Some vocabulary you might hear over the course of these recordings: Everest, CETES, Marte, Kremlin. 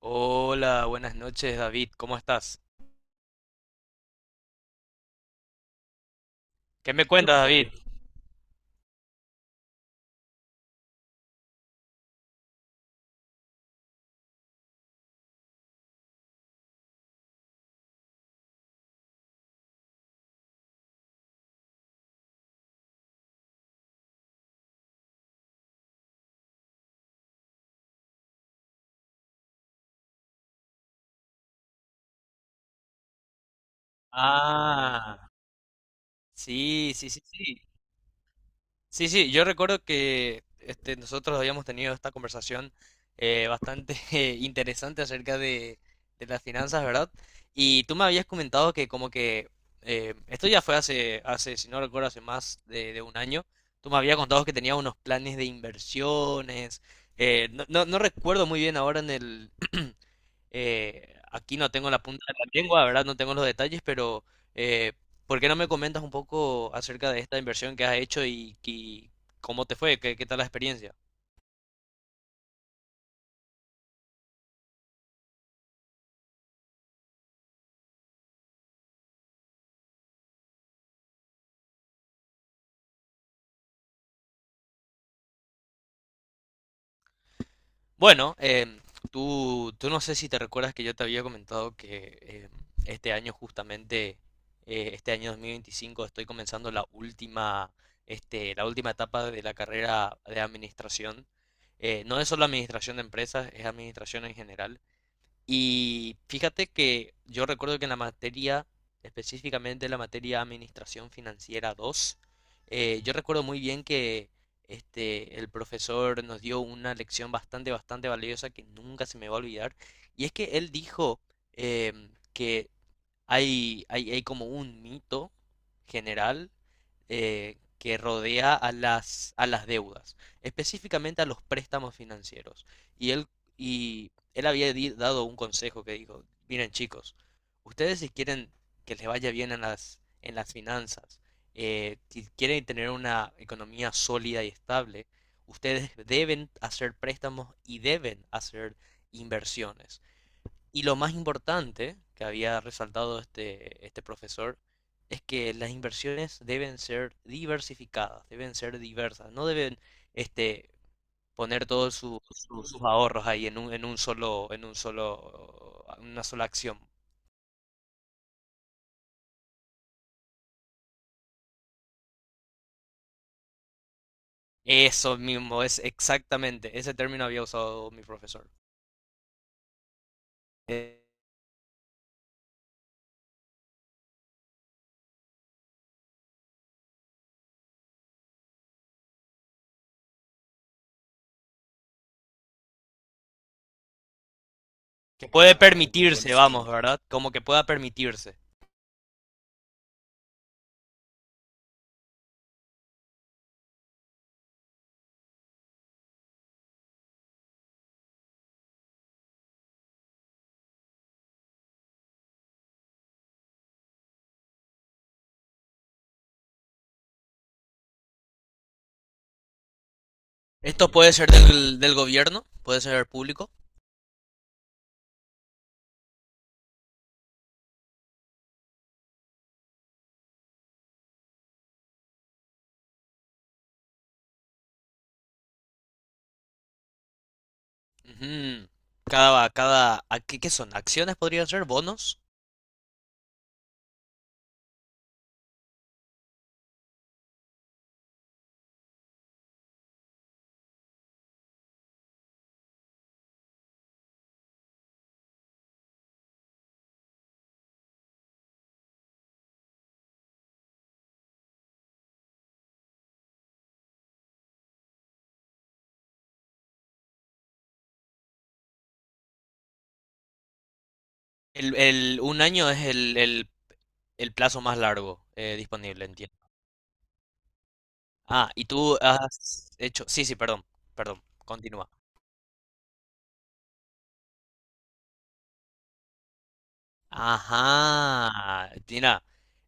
Hola, buenas noches, David. ¿Cómo estás? ¿Qué me cuentas, David? Ah, sí, sí, sí, sí. Sí, sí, yo recuerdo que nosotros habíamos tenido esta conversación bastante interesante acerca de las finanzas, ¿verdad? Y tú me habías comentado que como que esto ya fue hace, si no recuerdo, hace más de un año. Tú me habías contado que tenías unos planes de inversiones. No recuerdo muy bien ahora en el aquí no tengo la punta de la lengua, ¿verdad? No tengo los detalles, pero eh, ¿por qué no me comentas un poco acerca de esta inversión que has hecho y cómo te fue? ¿Qué tal la experiencia? Bueno, tú no sé si te recuerdas que yo te había comentado que este año justamente, este año 2025, estoy comenzando la última, la última etapa de la carrera de administración. No es solo administración de empresas, es administración en general. Y fíjate que yo recuerdo que en la materia, específicamente la materia Administración Financiera dos, yo recuerdo muy bien que el profesor nos dio una lección bastante, bastante valiosa que nunca se me va a olvidar. Y es que él dijo que hay como un mito general que rodea a las deudas, específicamente a los préstamos financieros. Y él, y él había dado un consejo que dijo, miren chicos, ustedes si quieren que les vaya bien en las finanzas, si quieren tener una economía sólida y estable, ustedes deben hacer préstamos y deben hacer inversiones. Y lo más importante que había resaltado este profesor es que las inversiones deben ser diversificadas, deben ser diversas, no deben este, poner todos sus ahorros ahí en un solo, una sola acción. Eso mismo, es exactamente, ese término había usado mi profesor. Eh, que puede... Ah, permitirse, vamos, buenísimo. ¿Verdad? Como que pueda permitirse. Esto puede ser del, del gobierno, puede ser público. Ujú. Cada, cada, ¿a qué, qué son? ¿Acciones podrían ser? ¿Bonos? Un año es el plazo más largo, disponible, entiendo. Ah, y tú has hecho, sí, sí, perdón, perdón, continúa. Ajá. Tina,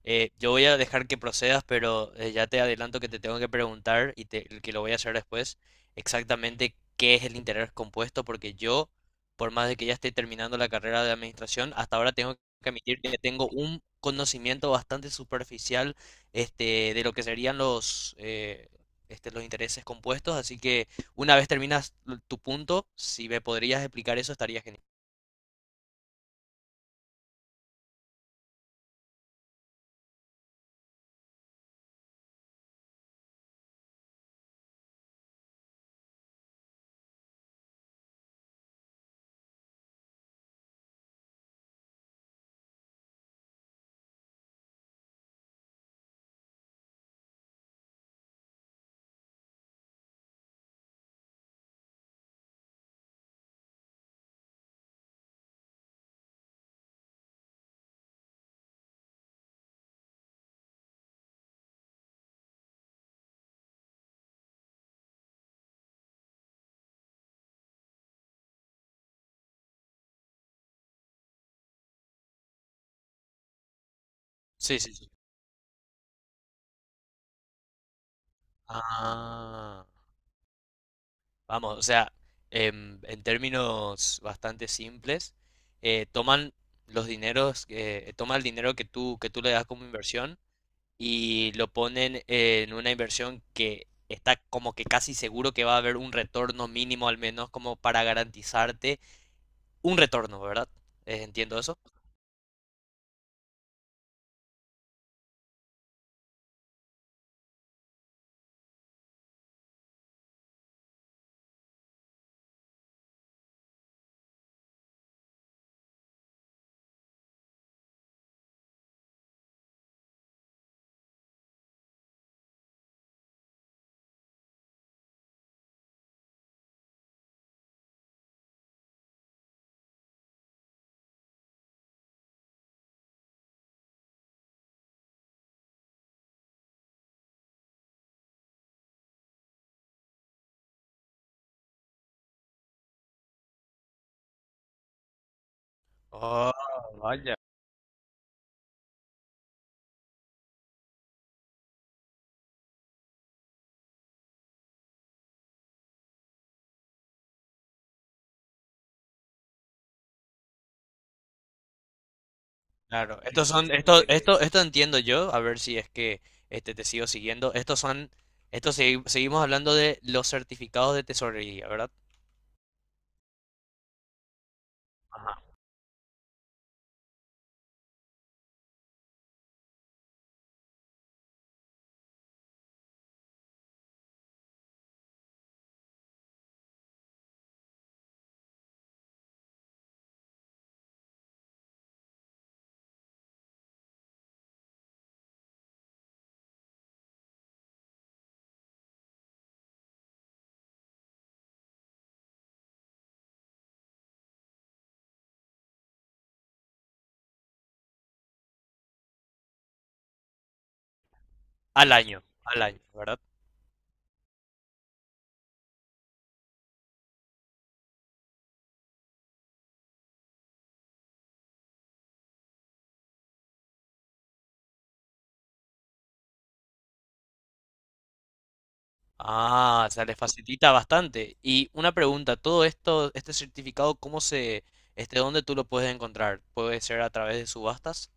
yo voy a dejar que procedas, pero ya te adelanto que te tengo que preguntar y que lo voy a hacer después, exactamente qué es el interés compuesto, porque yo, por más de que ya esté terminando la carrera de administración, hasta ahora tengo que admitir que tengo un conocimiento bastante superficial de lo que serían los, los intereses compuestos, así que una vez terminas tu punto, si me podrías explicar eso, estaría genial. Sí, sí, sí. Ah. Vamos, o sea, en términos bastante simples, toman los dineros, toma el dinero que tú le das como inversión y lo ponen en una inversión que está como que casi seguro que va a haber un retorno mínimo al menos como para garantizarte un retorno, ¿verdad? ¿Entiendo eso? Oh, vaya. Claro, sí, estos son, sí, esto, sí, sí, esto entiendo yo, a ver si es que te sigo siguiendo. Estos son, seguimos hablando de los certificados de tesorería, ¿verdad? Ajá. Al año, ¿verdad? Ah, o sea, les facilita bastante. Y una pregunta, todo esto, este certificado, ¿cómo se, dónde tú lo puedes encontrar? ¿Puede ser a través de subastas?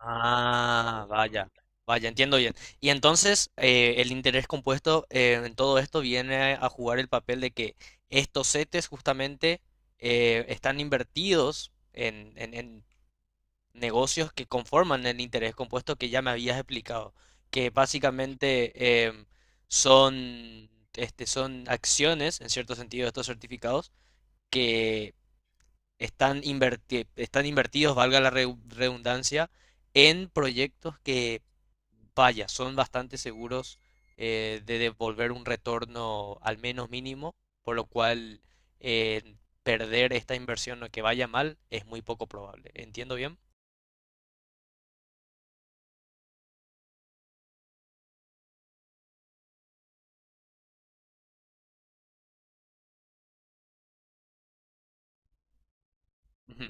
Ah, vaya, vaya, entiendo bien. Y entonces el interés compuesto en todo esto viene a jugar el papel de que estos CETES justamente están invertidos en, en negocios que conforman el interés compuesto que ya me habías explicado, que básicamente son, son acciones, en cierto sentido, de estos certificados están, están invertidos, valga la redundancia, en proyectos que, vaya, son bastante seguros de devolver un retorno al menos mínimo, por lo cual eh, perder esta inversión o que vaya mal es muy poco probable. ¿Entiendo bien? Ujú.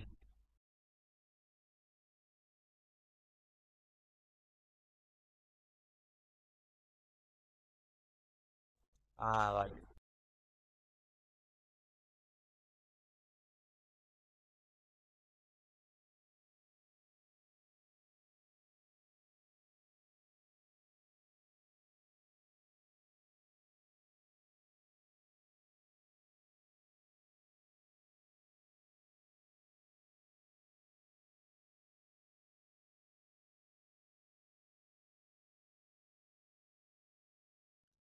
Ah, vale.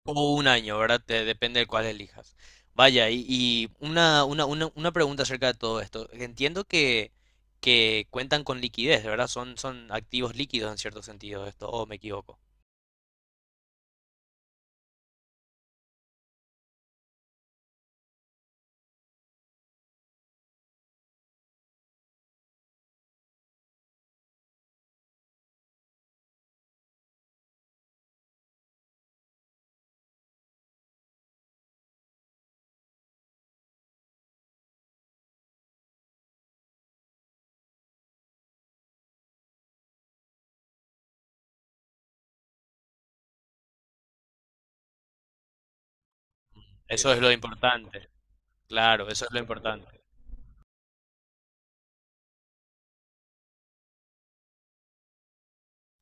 O un año, ¿verdad? Depende de cuál elijas. Vaya, y una pregunta acerca de todo esto. Entiendo que cuentan con liquidez, ¿verdad? Son, son activos líquidos en cierto sentido esto, o me equivoco. Eso es lo importante. Claro, eso es lo importante.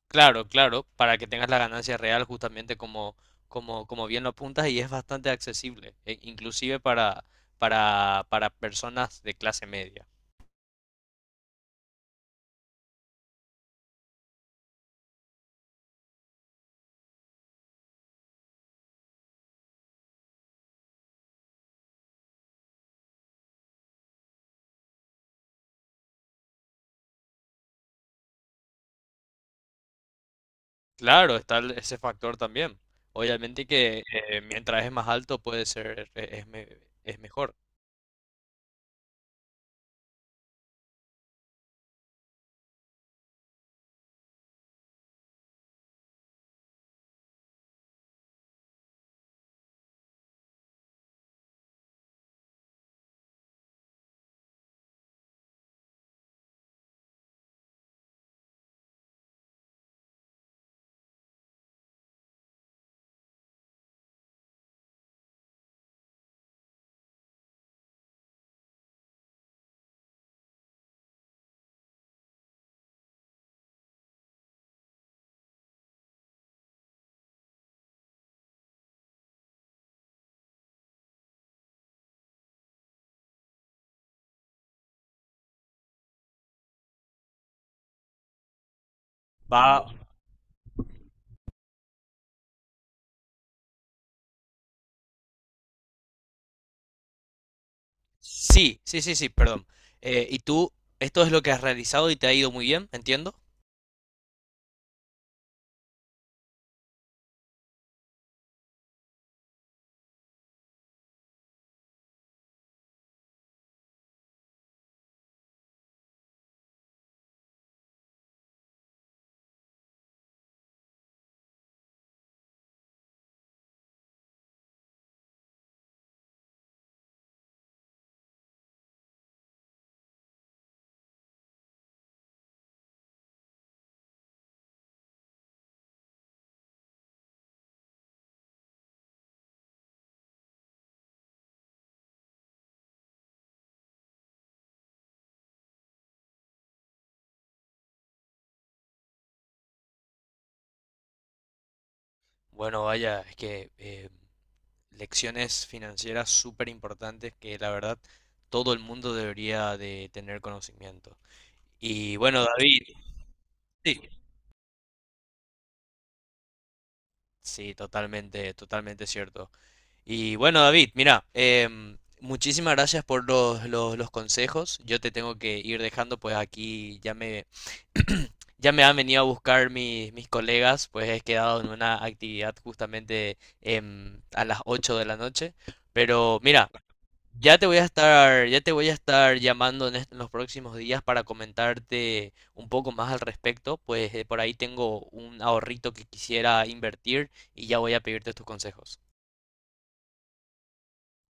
Claro, claro, para que tengas la ganancia real justamente como, como, como bien lo apuntas, y es bastante accesible, inclusive para personas de clase media. Claro, está ese factor también. Obviamente que mientras es más alto puede ser, es mejor. Va. Sí, sí, sí, sí, perdón. ¿Y tú, esto es lo que has realizado y te ha ido muy bien, entiendo? Bueno, vaya, es que lecciones financieras súper importantes que la verdad todo el mundo debería de tener conocimiento. Y bueno, David, sí, sí, totalmente, totalmente cierto. Y bueno, David, mira, muchísimas gracias por los, los consejos. Yo te tengo que ir dejando, pues aquí ya me, ya me han venido a buscar mis, mis colegas, pues he quedado en una actividad justamente a las 8 de la noche. Pero mira, ya te voy a estar, ya te voy a estar llamando en, en los próximos días para comentarte un poco más al respecto, pues por ahí tengo un ahorrito que quisiera invertir y ya voy a pedirte tus consejos.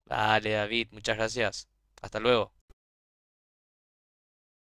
Dale, David, muchas gracias. Hasta luego.